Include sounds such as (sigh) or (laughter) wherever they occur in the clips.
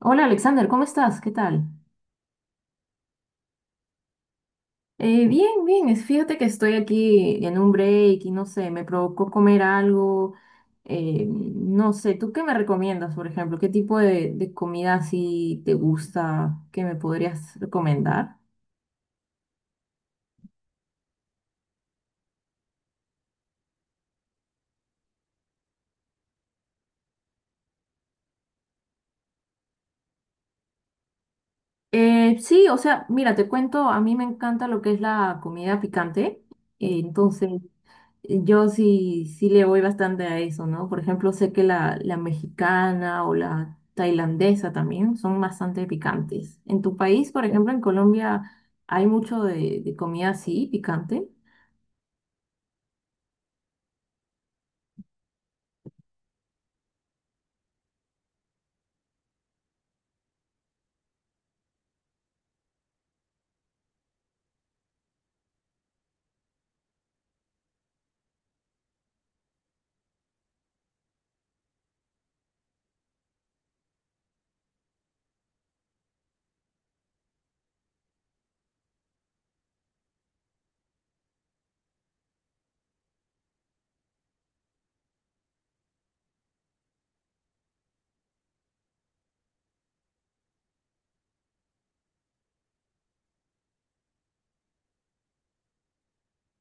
Hola Alexander, ¿cómo estás? ¿Qué tal? Bien, bien, fíjate que estoy aquí en un break y no sé, me provocó comer algo, no sé, ¿tú qué me recomiendas, por ejemplo? ¿Qué tipo de comida así te gusta que me podrías recomendar? Sí, o sea, mira, te cuento, a mí me encanta lo que es la comida picante, entonces yo sí, sí le voy bastante a eso, ¿no? Por ejemplo, sé que la mexicana o la tailandesa también son bastante picantes. ¿En tu país, por ejemplo, en Colombia, hay mucho de comida así, picante?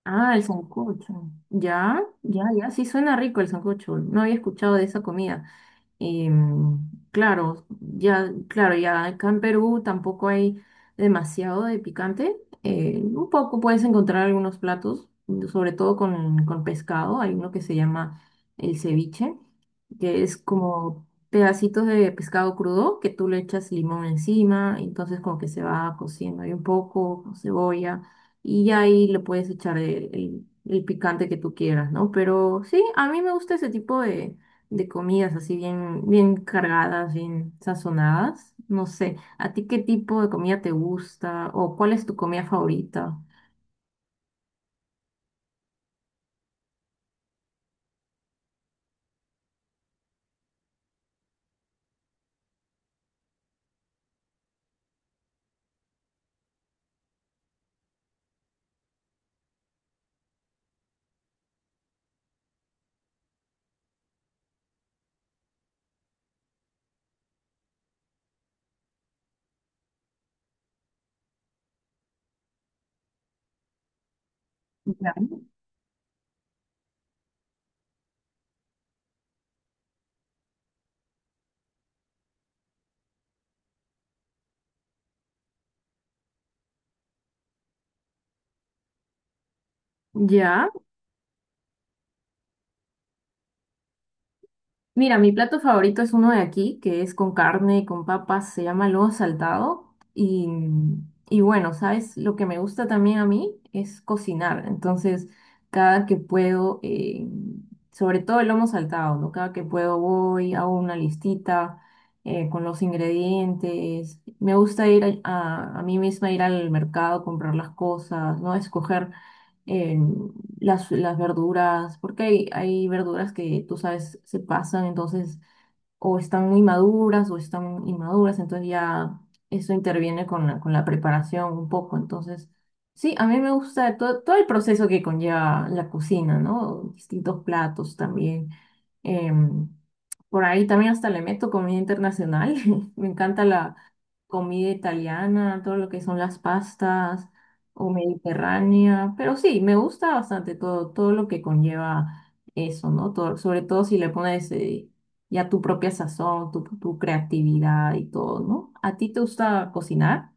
Ah, el sancocho. Ya, ya, ya, sí suena rico el sancocho. No había escuchado de esa comida. Y mm, claro, ya, claro, ya acá en Perú tampoco hay demasiado de picante. Un poco puedes encontrar algunos platos, sobre todo con, pescado. Hay uno que se llama el ceviche, que es como pedacitos de pescado crudo que tú le echas limón encima, entonces como que se va cociendo ahí un poco, con cebolla, y ya ahí le puedes echar el, el picante que tú quieras, ¿no? Pero sí, a mí me gusta ese tipo de comidas así bien, bien cargadas, bien sazonadas. No sé, ¿a ti qué tipo de comida te gusta o cuál es tu comida favorita? Ya. ¿Ya? Mira, mi plato favorito es uno de aquí, que es con carne, con papas, se llama lomo saltado. Y, y bueno, ¿sabes? Lo que me gusta también a mí es cocinar. Entonces, cada que puedo, sobre todo el lomo saltado, ¿no? Cada que puedo voy, hago una listita con los ingredientes. Me gusta ir a mí misma ir al mercado, comprar las cosas, ¿no? Escoger. Eh, las verduras, porque hay verduras que tú sabes se pasan, entonces o están muy maduras o están inmaduras, entonces ya eso interviene con la preparación un poco. Entonces, sí, a mí me gusta todo, todo el proceso que conlleva la cocina, ¿no? Distintos platos también. Em, por ahí también hasta le meto comida internacional. (laughs) Me encanta la comida italiana, todo lo que son las pastas o mediterránea, pero sí, me gusta bastante todo, todo lo que conlleva eso, ¿no? Sobre todo si le pones ya tu propia sazón, tu creatividad y todo, ¿no? ¿A ti te gusta cocinar?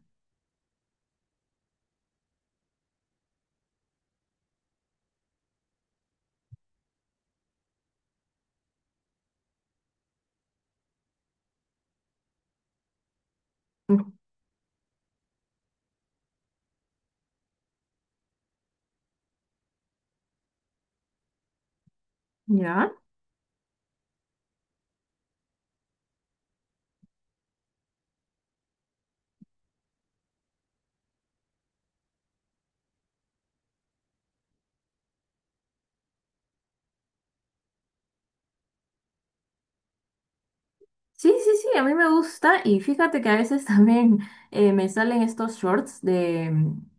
Mm, ¿ya? Sí, sí, sí, a mí me gusta y fíjate que a veces (laughs) también me salen estos shorts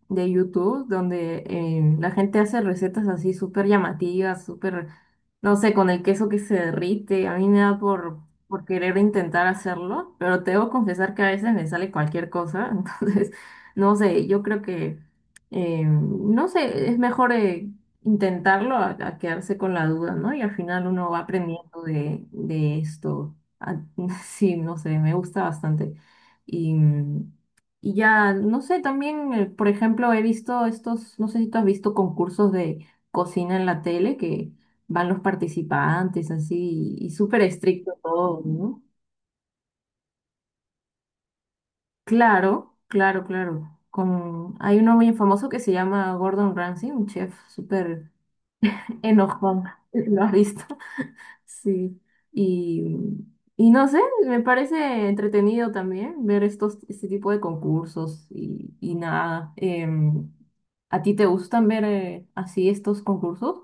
de YouTube donde la gente hace recetas así súper llamativas, súper, no sé, con el queso que se derrite. A mí me da por querer intentar hacerlo, pero te debo confesar que a veces me sale cualquier cosa, (laughs) entonces, no sé, yo creo que, no sé, es mejor intentarlo a quedarse con la duda, ¿no? Y al final uno va aprendiendo de esto. Ah, (laughs) sí, no sé, me gusta bastante. Y, mm, y ya, no sé, también, por ejemplo, he visto estos, no sé si tú has visto concursos de cocina en la tele que van los participantes así y, súper estricto todo, ¿no? Claro, claro, claro. Con, hay uno muy famoso que se llama Gordon Ramsay, un chef súper enojón. (laughs) ¿Lo has visto? Sí, y, y no sé, me parece entretenido también ver estos, este tipo de concursos y nada. em, ¿A ti te gustan ver así estos concursos?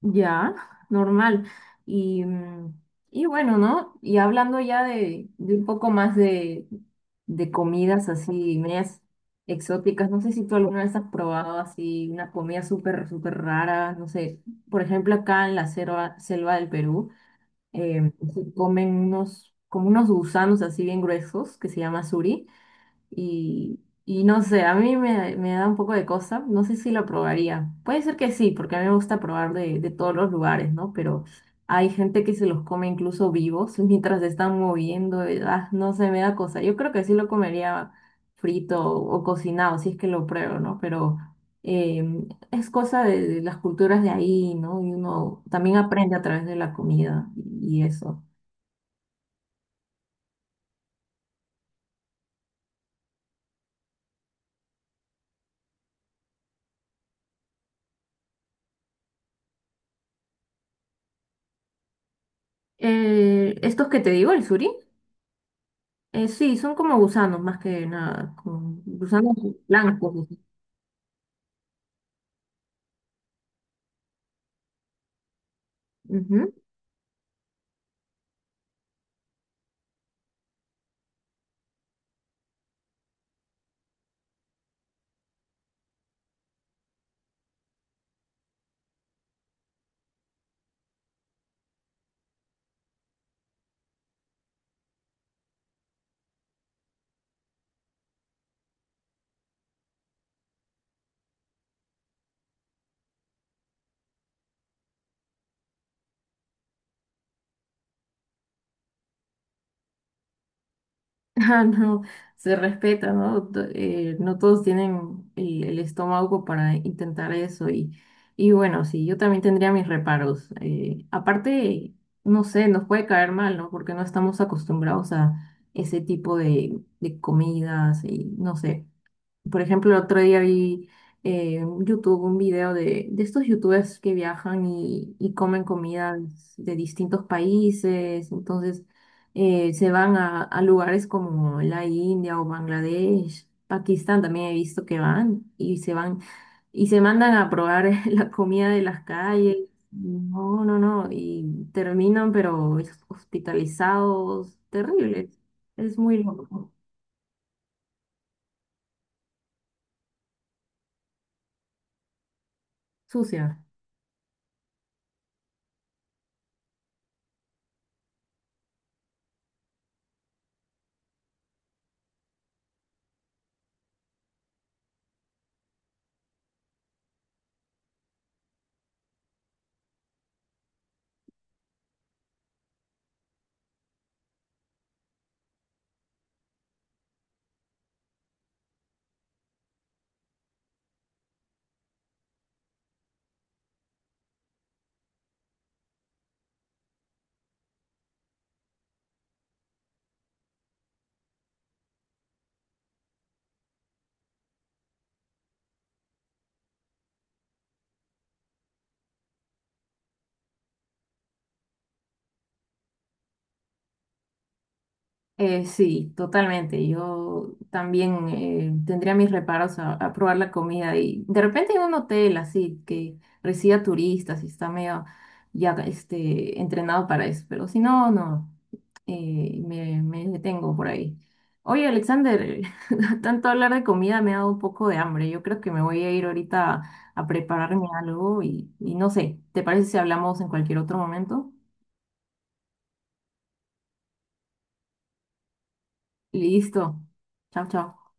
Ya, normal. Y, mm, y bueno, ¿no? Y hablando ya de un poco más de comidas así, medias exóticas, no sé si tú alguna vez has probado así una comida súper, súper rara, no sé, por ejemplo acá en la selva, selva del Perú. Eh, se comen unos, como unos gusanos así bien gruesos que se llama suri. Y no sé, a mí me, me da un poco de cosa. No sé si lo probaría. Puede ser que sí, porque a mí me gusta probar de todos los lugares, ¿no? Pero hay gente que se los come incluso vivos (laughs) mientras se están moviendo. Y, ah, no sé, me da cosa. Yo creo que sí lo comería frito o cocinado, si es que lo pruebo, ¿no? Pero es cosa de las culturas de ahí, ¿no? Y uno también aprende a través de la comida y eso. Estos que te digo, el suri. Sí, son como gusanos más que nada, como gusanos blancos. Ujú. (laughs) Ah, no, se respeta, ¿no? No todos tienen el estómago para intentar eso y bueno, sí, yo también tendría mis reparos. Aparte, no sé, nos puede caer mal, ¿no? Porque no estamos acostumbrados a ese tipo de comidas y no sé. Por ejemplo, el otro día vi en YouTube un video de estos youtubers que viajan y comen comidas de distintos países. Entonces, se van a lugares como la India o Bangladesh. Pakistán también he visto que van y se mandan a probar (laughs) la comida de las calles. No, no, no. Y terminan, pero hospitalizados, terribles. Es muy loco. Sucia. Sí, totalmente. Yo también tendría mis reparos a probar la comida y de repente en un hotel así que reciba turistas y está medio ya este, entrenado para eso, pero si no, no, me, me detengo por ahí. Oye, Alexander, (laughs) tanto hablar de comida me ha dado un poco de hambre. Yo creo que me voy a ir ahorita a prepararme algo y no sé, ¿te parece si hablamos en cualquier otro momento? Listo. Chao, chao.